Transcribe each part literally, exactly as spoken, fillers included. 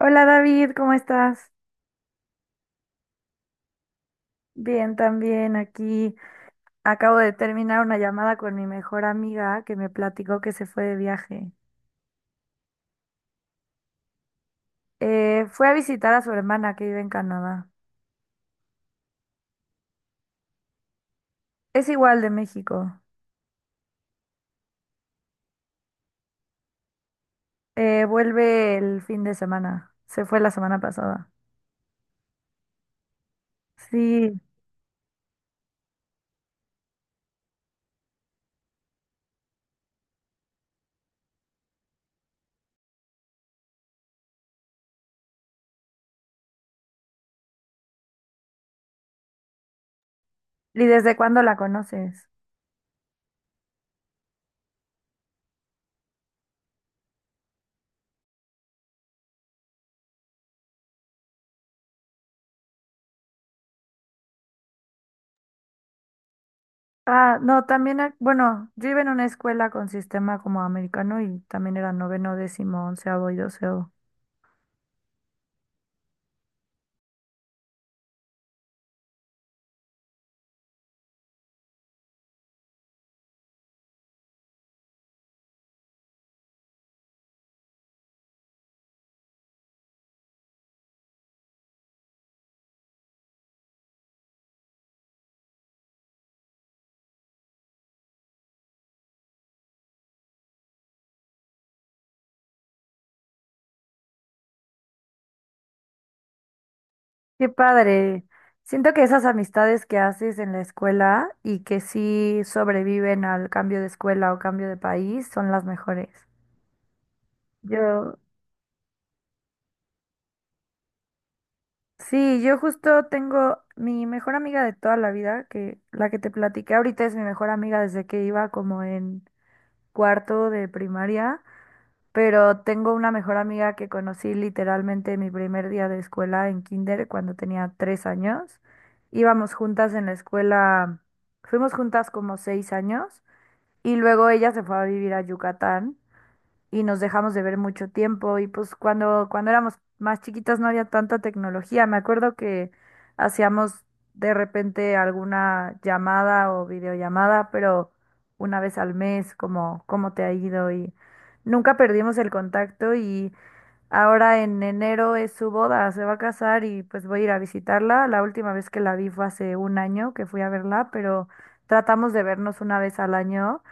Hola David, ¿cómo estás? Bien, también aquí. Acabo de terminar una llamada con mi mejor amiga que me platicó que se fue de viaje. Eh, fue a visitar a su hermana que vive en Canadá. Es igual de México. Eh, vuelve el fin de semana. Se fue la semana pasada. Sí. ¿Y desde cuándo la conoces? Ah, no, también, ac- bueno, yo iba en una escuela con sistema como americano y también era noveno, décimo, onceavo y doceavo. Qué padre. Siento que esas amistades que haces en la escuela y que sí sobreviven al cambio de escuela o cambio de país son las mejores. Yo, sí, yo justo tengo mi mejor amiga de toda la vida, que la que te platiqué ahorita es mi mejor amiga desde que iba como en cuarto de primaria. Pero tengo una mejor amiga que conocí literalmente mi primer día de escuela en kinder cuando tenía tres años. Íbamos juntas en la escuela, fuimos juntas como seis años y luego ella se fue a vivir a Yucatán y nos dejamos de ver mucho tiempo y pues cuando, cuando éramos más chiquitas no había tanta tecnología. Me acuerdo que hacíamos de repente alguna llamada o videollamada, pero una vez al mes, como cómo te ha ido y nunca perdimos el contacto y ahora en enero es su boda, se va a casar y pues voy a ir a visitarla. La última vez que la vi fue hace un año que fui a verla, pero tratamos de vernos una vez al año.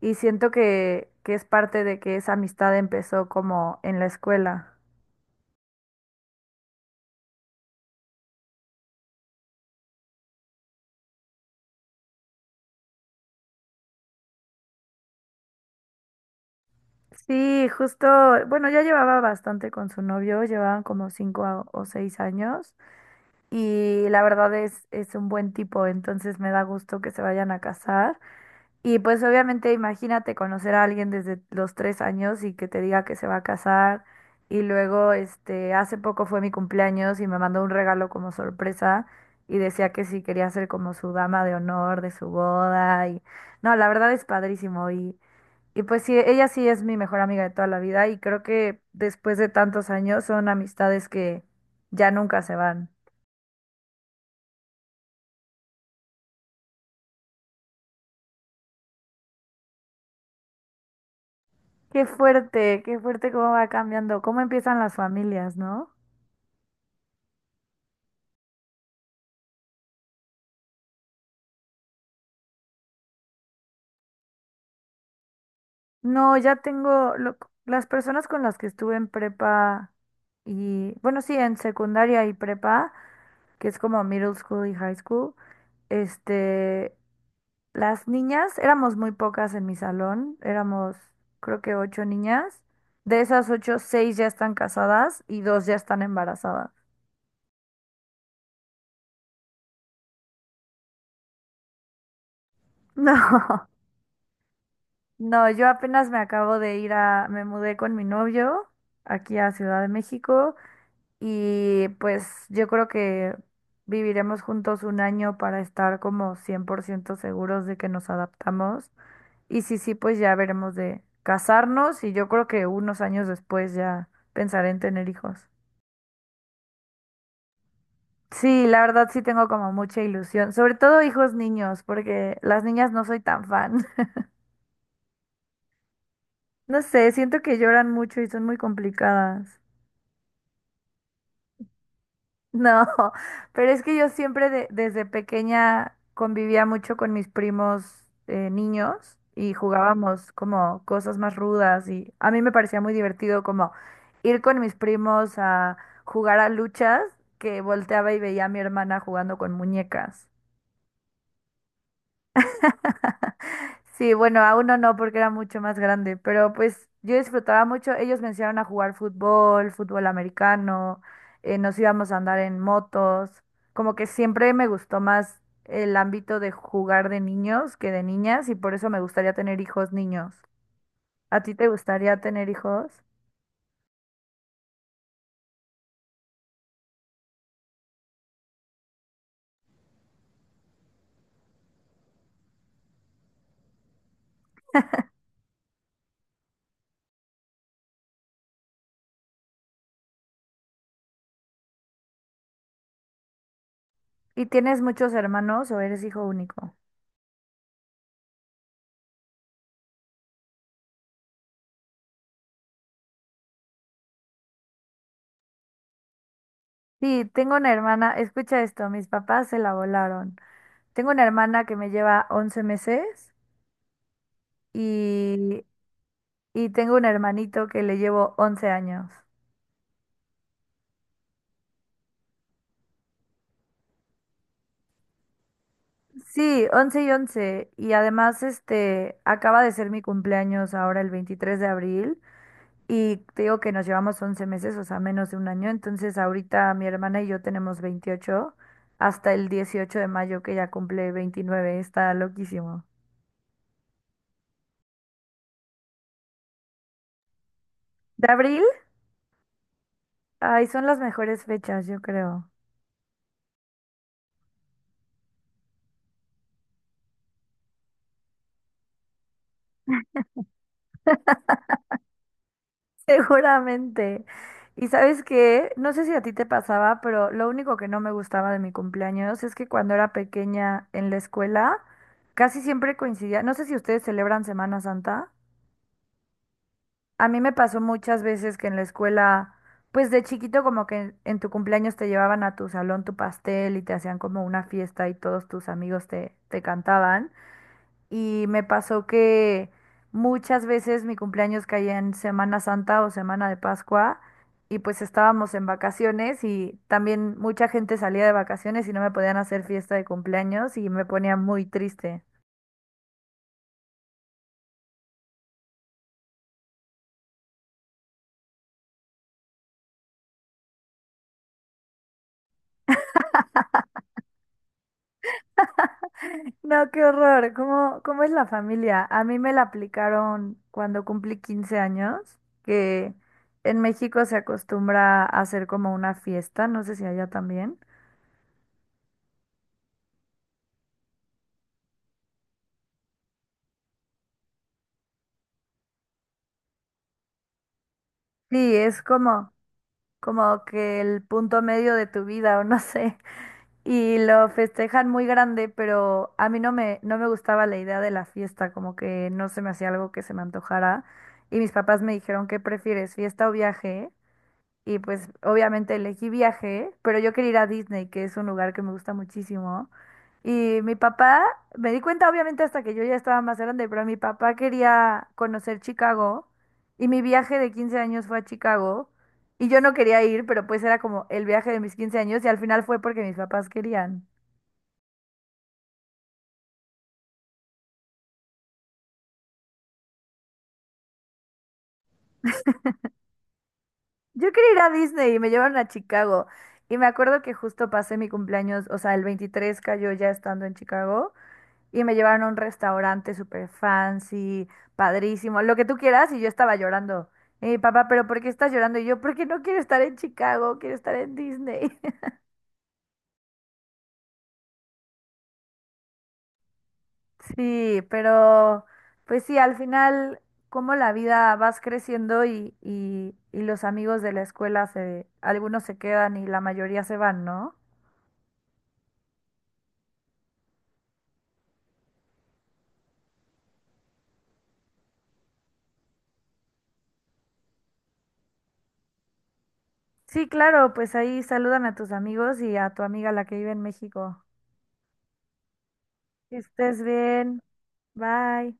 Y siento que, que es parte de que esa amistad empezó como en la escuela. Sí, justo, bueno, ya llevaba bastante con su novio, llevaban como cinco a- o seis años y la verdad es, es un buen tipo, entonces me da gusto que se vayan a casar. Y pues obviamente imagínate conocer a alguien desde los tres años y que te diga que se va a casar. Y luego, este, hace poco fue mi cumpleaños y me mandó un regalo como sorpresa y decía que sí quería ser como su dama de honor de su boda. Y no, la verdad es padrísimo. Y, y pues sí, ella sí es mi mejor amiga de toda la vida y creo que después de tantos años son amistades que ya nunca se van. Qué fuerte, qué fuerte cómo va cambiando, cómo empiezan las familias, ¿no? No, ya tengo lo- las personas con las que estuve en prepa y, bueno, sí, en secundaria y prepa, que es como middle school y high school, este, las niñas, éramos muy pocas en mi salón, éramos creo que ocho niñas. De esas ocho, seis ya están casadas y dos ya están embarazadas. No, no, yo apenas me acabo de ir a, me mudé con mi novio aquí a Ciudad de México. Y pues yo creo que viviremos juntos un año para estar como cien por ciento seguros de que nos adaptamos. Y sí, sí, pues ya veremos de casarnos y yo creo que unos años después ya pensaré en tener hijos. Sí, la verdad sí tengo como mucha ilusión, sobre todo hijos niños, porque las niñas no soy tan fan. No sé, siento que lloran mucho y son muy complicadas. No, pero es que yo siempre de- desde pequeña convivía mucho con mis primos eh, niños y jugábamos como cosas más rudas y a mí me parecía muy divertido como ir con mis primos a jugar a luchas que volteaba y veía a mi hermana jugando con muñecas. Sí, bueno, a uno no porque era mucho más grande, pero pues yo disfrutaba mucho. Ellos me enseñaron a jugar fútbol, fútbol americano, eh, nos íbamos a andar en motos. Como que siempre me gustó más el ámbito de jugar de niños que de niñas y por eso me gustaría tener hijos niños. ¿A ti te gustaría tener hijos? ¿Y tienes muchos hermanos o eres hijo único? Sí, tengo una hermana, escucha esto, mis papás se la volaron. Tengo una hermana que me lleva once meses. Y y tengo un hermanito que le llevo once años. Sí, once y once. Y además, este, acaba de ser mi cumpleaños ahora el veintitrés de abril. Y te digo que nos llevamos once meses, o sea, menos de un año. Entonces, ahorita mi hermana y yo tenemos veintiocho hasta el dieciocho de mayo, que ya cumple veintinueve. Está loquísimo. ¿De abril? Ay, son las mejores fechas, yo creo. Seguramente. Y sabes qué, no sé si a ti te pasaba, pero lo único que no me gustaba de mi cumpleaños es que cuando era pequeña en la escuela, casi siempre coincidía, no sé si ustedes celebran Semana Santa, a mí me pasó muchas veces que en la escuela, pues de chiquito como que en, en tu cumpleaños te llevaban a tu salón tu pastel y te hacían como una fiesta y todos tus amigos te, te cantaban. Y me pasó que muchas veces mi cumpleaños caía en Semana Santa o Semana de Pascua y pues estábamos en vacaciones y también mucha gente salía de vacaciones y no me podían hacer fiesta de cumpleaños y me ponía muy triste. No, qué horror. ¿Cómo, cómo es la familia? A mí me la aplicaron cuando cumplí quince años, que en México se acostumbra a hacer como una fiesta, no sé si allá también. Sí, es como... como que el punto medio de tu vida o no sé, y lo festejan muy grande, pero a mí no me, no me gustaba la idea de la fiesta, como que no se me hacía algo que se me antojara, y mis papás me dijeron, ¿qué prefieres, fiesta o viaje? Y pues obviamente elegí viaje, pero yo quería ir a Disney, que es un lugar que me gusta muchísimo. Y mi papá, me di cuenta obviamente hasta que yo ya estaba más grande, pero mi papá quería conocer Chicago y mi viaje de quince años fue a Chicago y yo no quería ir, pero pues era como el viaje de mis quince años y al final fue porque mis papás querían. Yo quería ir a Disney y me llevaron a Chicago y me acuerdo que justo pasé mi cumpleaños, o sea, el veintitrés cayó ya estando en Chicago. Y me llevaron a un restaurante súper fancy, padrísimo, lo que tú quieras, y yo estaba llorando. Y mi papá, ¿pero por qué estás llorando? Y yo, porque no quiero estar en Chicago, quiero estar en Disney. Sí, pero pues sí, al final, como la vida vas creciendo y, y, y los amigos de la escuela se, algunos se quedan y la mayoría se van, ¿no? Sí, claro, pues ahí saludan a tus amigos y a tu amiga la que vive en México. Que estés bien. Bye.